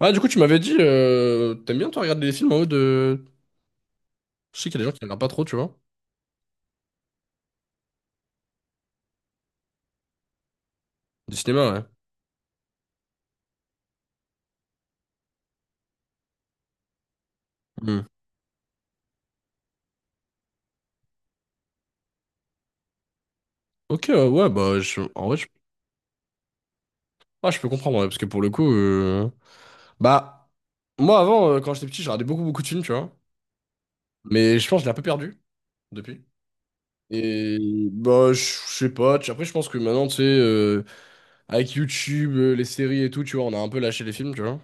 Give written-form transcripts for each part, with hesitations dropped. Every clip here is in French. Ah, du coup, tu m'avais dit, t'aimes bien, toi, regarder des films en haut de. Je sais qu'il y a des gens qui regardent pas trop, tu vois. Du cinéma, ouais. Hmm. Ok, ouais, bah, en vrai, je. Ah, je peux comprendre, ouais, parce que pour le coup. Bah, moi, avant, quand j'étais petit, je regardais beaucoup, beaucoup de films, tu vois. Mais je pense que je l'ai un peu perdu depuis. Et bah, je sais pas. Après, je pense que maintenant, tu sais, avec YouTube, les séries et tout, tu vois, on a un peu lâché les films, tu vois.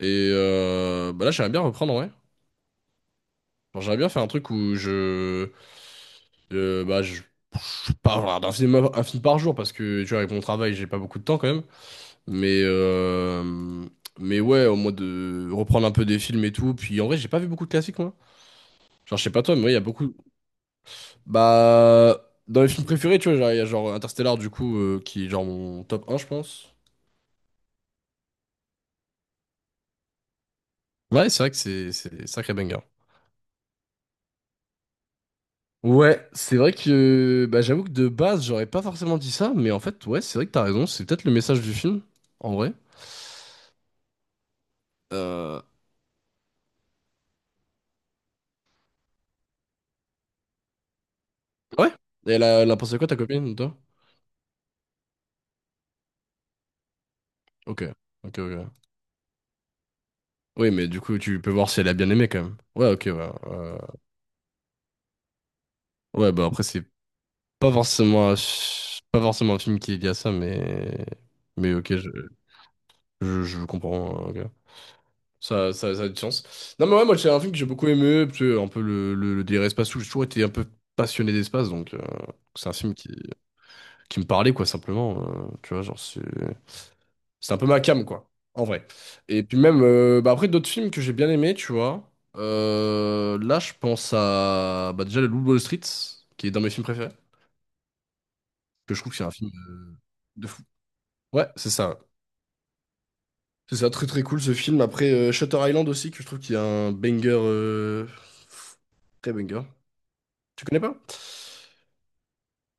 Et bah là, j'aimerais bien reprendre, ouais. Genre, j'aimerais bien faire un truc où je. Bah, je sais pas, voilà, un film par jour parce que tu vois, avec mon travail, j'ai pas beaucoup de temps quand même. Mais, euh, mais ouais, au moins de reprendre un peu des films et tout. Puis en vrai, j'ai pas vu beaucoup de classiques, moi. Genre, je sais pas toi, mais moi, il y a beaucoup. Bah, dans les films préférés, tu vois, genre, il y a genre Interstellar, du coup, qui est genre mon top un, je pense. Ouais, c'est vrai que c'est sacré banger. Ouais, c'est vrai que bah, j'avoue que de base, j'aurais pas forcément dit ça, mais en fait, ouais, c'est vrai que t'as raison, c'est peut-être le message du film, en vrai. Euh, Ouais? Et elle a pensé quoi, ta copine, toi? Ok, ok, ok. Oui, mais du coup, tu peux voir si elle a bien aimé quand même. Ouais, ok, ouais. Ouais, bah après, c'est pas forcément un film qui est lié à ça, mais. Mais ok, je comprends. Ok. Ça a du sens. Non, mais ouais, moi, c'est un film que j'ai beaucoup aimé, parce que un peu le délire espace où j'ai toujours été un peu passionné d'espace, donc c'est un film qui me parlait, quoi, simplement. Tu vois, genre, C'est un peu ma cam, quoi, en vrai. Et puis même, bah après, d'autres films que j'ai bien aimés, tu vois. Là, je pense à bah déjà Le Loup de Wall Street, qui est dans mes films préférés, que je trouve que c'est un film de fou. Ouais, c'est ça. C'est ça, très très cool ce film. Après, Shutter Island aussi, que je trouve qu'il y a un banger, très banger. Tu connais pas?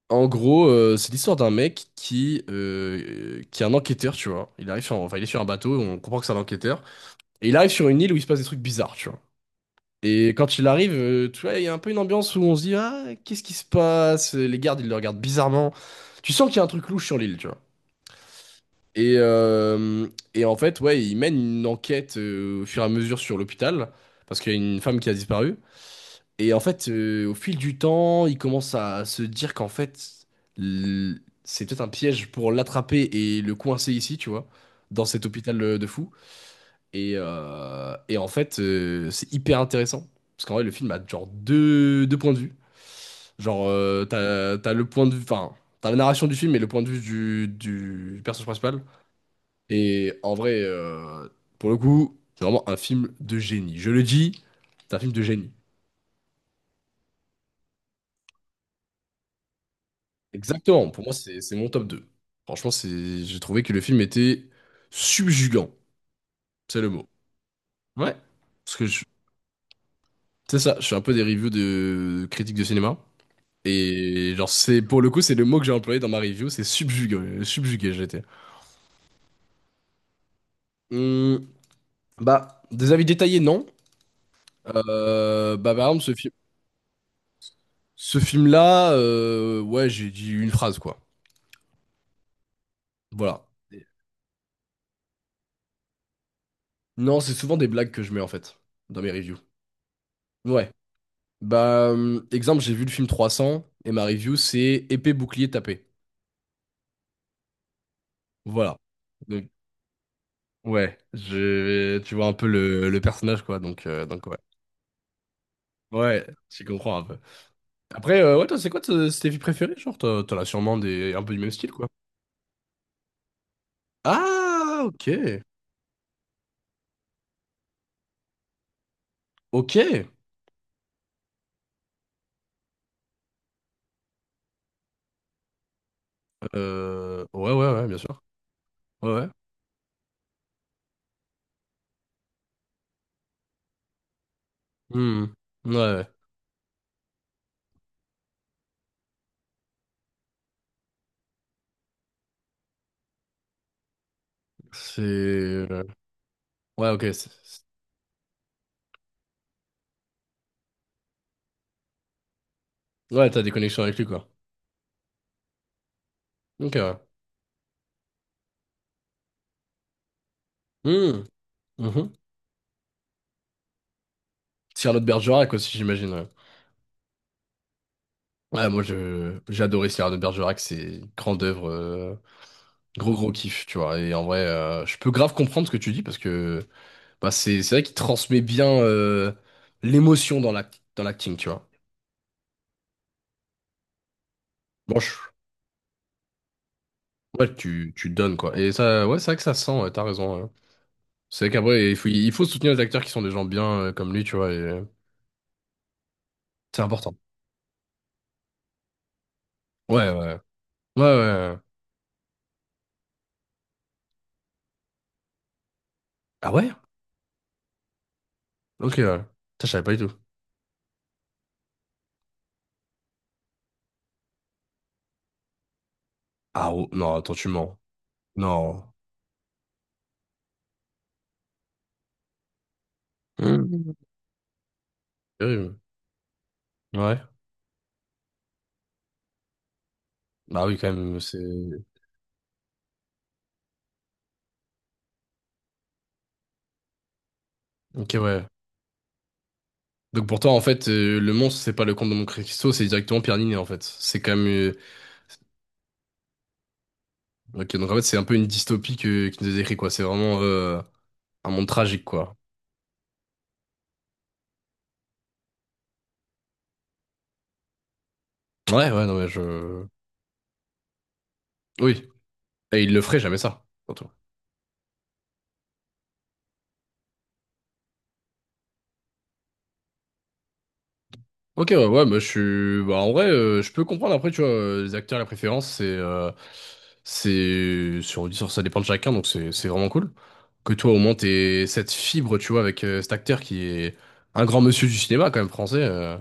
En gros, c'est l'histoire d'un mec qui est un enquêteur, tu vois. Il arrive sur, enfin, il est sur un bateau, on comprend que c'est un enquêteur. Et il arrive sur une île où il se passe des trucs bizarres, tu vois. Et quand il arrive, tu vois, il y a un peu une ambiance où on se dit, ah, qu'est-ce qui se passe? Les gardes, ils le regardent bizarrement. Tu sens qu'il y a un truc louche sur l'île, tu vois. Et, euh, et en fait, ouais, ils mènent une enquête au fur et à mesure sur l'hôpital, parce qu'il y a une femme qui a disparu. Et en fait, au fil du temps, ils commencent à se dire qu'en fait, c'est peut-être un piège pour l'attraper et le coincer ici, tu vois, dans cet hôpital de fou. Et en fait, c'est hyper intéressant. Parce qu'en vrai, le film a genre deux points de vue. Genre, t'as le point de vue, enfin, t'as la narration du film et le point de vue du personnage principal. Et en vrai, pour le coup, c'est vraiment un film de génie. Je le dis, c'est un film de génie. Exactement, pour moi, c'est mon top deux. Franchement, j'ai trouvé que le film était subjugant, c'est le mot. Ouais. Parce que je- c'est ça, je fais un peu des reviews de critiques de cinéma. Et genre, c'est pour le coup, c'est le mot que j'ai employé dans ma review, c'est subjugué, subjugué j'étais. Hum, Bah, des avis détaillés, non. Bah, par exemple, ce film-là, ouais, j'ai dit une phrase, quoi. Voilà. Non, c'est souvent des blagues que je mets, en fait, dans mes reviews. Ouais. Bah, exemple, j'ai vu le film 300, et ma review, c'est épée, bouclier, tapé. Voilà. Donc, ouais, tu vois un peu le personnage, quoi, donc ouais. Ouais, tu comprends un peu. Après, ouais, toi, c'est quoi tes vies préférées? Genre, t'en as sûrement des, un peu du même style, quoi. Ah, ok. Ok. Ouais, ouais, ouais, bien sûr. Ouais, ouais. Hmm. Ouais, ouais. c'est... Ouais, ok. Ouais, t'as des connexions avec lui, quoi. Ok, ouais. Hmm. Mhm. Cyrano de Bergerac aussi, j'imagine, ouais. Ouais, moi, j'ai adoré Cyrano de Bergerac, c'est une grande œuvre. Gros, gros kiff, tu vois. Et en vrai, je peux grave comprendre ce que tu dis, parce que. Bah, c'est vrai qu'il transmet bien l'émotion dans dans l'acting, tu vois. Bon, je- ouais, tu donnes, quoi. Et ça, ouais, c'est vrai que ça sent, ouais, t'as raison. Ouais. C'est vrai qu'après, il faut soutenir les acteurs qui sont des gens bien comme lui, tu vois. C'est important. Ouais, ouais. Ouais, ouais. Ouais, ouais. Ah ouais? Ok, ouais. Putain, je savais pas du tout. Ah oh, non, attends, tu mens. Non. Mhm. Terrible. Ouais. Bah oui, quand même, c'est. Ok, ouais. Donc pour toi, en fait, le monstre, c'est pas le comte de Monte Cristo, c'est directement Pierre Niney, en fait. C'est quand même. Ok, donc en fait, c'est un peu une dystopie que, qui nous est décrit, quoi. C'est vraiment un monde tragique, quoi. Ouais, ouais, non, mais je. Oui. Et il le ferait jamais ça, surtout. Ok, ouais, ouais, mais je suis. Bah, en vrai, je peux comprendre après, tu vois, les acteurs, la préférence, Ça dépend de chacun, donc c'est vraiment cool. Que toi, au moins, t'aies cette fibre, tu vois, avec cet acteur qui est un grand monsieur du cinéma, quand même, français.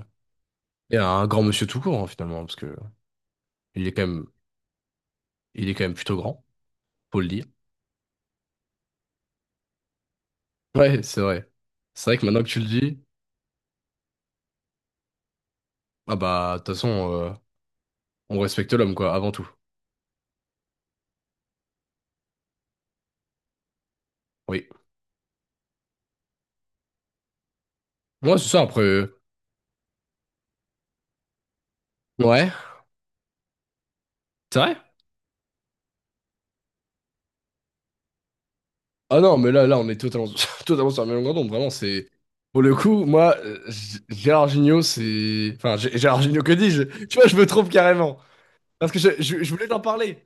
Et un grand monsieur tout court, hein, finalement, parce que il est quand même, il est quand même plutôt grand, faut le dire. Ouais, c'est vrai. C'est vrai que maintenant que tu le dis, ah bah, de toute façon, on respecte l'homme, quoi, avant tout. Oui. Ouais, c'est ça, après. Ouais. C'est vrai? Ah non, mais là, là, on est totalement, totalement sur la même longueur d'onde, vraiment, c'est. Pour le coup, moi, Gérard Jugnot, c'est. Enfin, Gérard Jugnot, que dis-je? Tu vois, je me trompe carrément. Parce que je voulais t'en parler.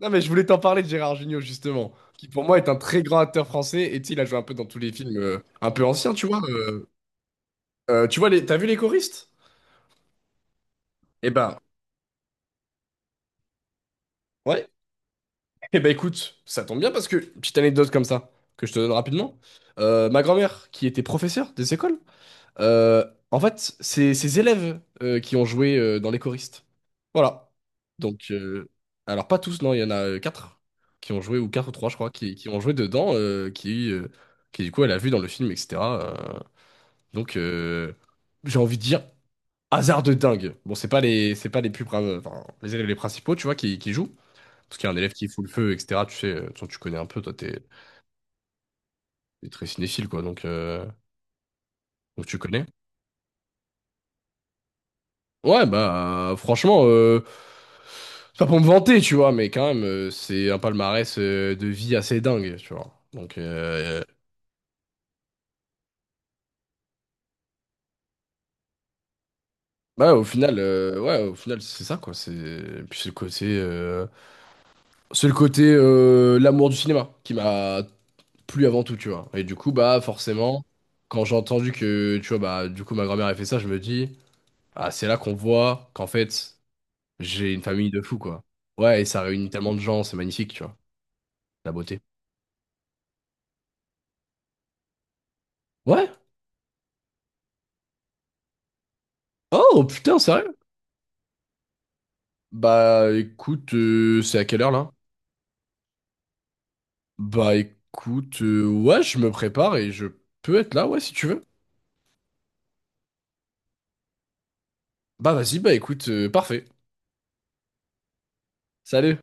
Non, mais je voulais t'en parler de Gérard Jugnot, justement. Qui, pour moi, est un très grand acteur français. Et tu sais, il a joué un peu dans tous les films un peu anciens, tu vois. Tu vois, t'as vu Les Choristes? Eh ben. Ouais. Eh ben écoute, ça tombe bien parce que, petite anecdote comme ça, que je te donne rapidement, ma grand-mère, qui était professeure des écoles, euh, en fait, c'est ses élèves qui ont joué dans les Choristes. Voilà. Donc, alors pas tous, non, il y en a 4 qui ont joué, ou 4 ou 3, je crois, qui ont joué dedans, qui du coup, elle a vu dans le film, etc. euh, donc, j'ai envie de dire, hasard de dingue. Bon, c'est pas les plus, enfin, les élèves les principaux, tu vois, qui jouent, parce qu'il y a un élève qui fout le feu, etc. Tu sais, de toute tu connais un peu, toi, t'es très cinéphile, quoi, donc tu connais. Ouais, bah, franchement, c'est pas pour me vanter, tu vois, mais quand même, c'est un palmarès de vie assez dingue, tu vois. Donc, bah, au final, ouais, au final, c'est ça, quoi. C'est puis c'est le côté l'amour du cinéma qui m'a plu avant tout, tu vois. Et du coup, bah, forcément, quand j'ai entendu que, tu vois, bah, du coup, ma grand-mère a fait ça, je me dis, ah, c'est là qu'on voit qu'en fait. J'ai une famille de fous, quoi. Ouais, et ça réunit tellement de gens, c'est magnifique, tu vois. La beauté. Ouais. Oh, putain, sérieux? Bah, écoute, c'est à quelle heure, là? Bah, écoute, ouais, je me prépare et je peux être là, ouais, si tu veux. Bah, vas-y, bah, écoute, parfait. Salut.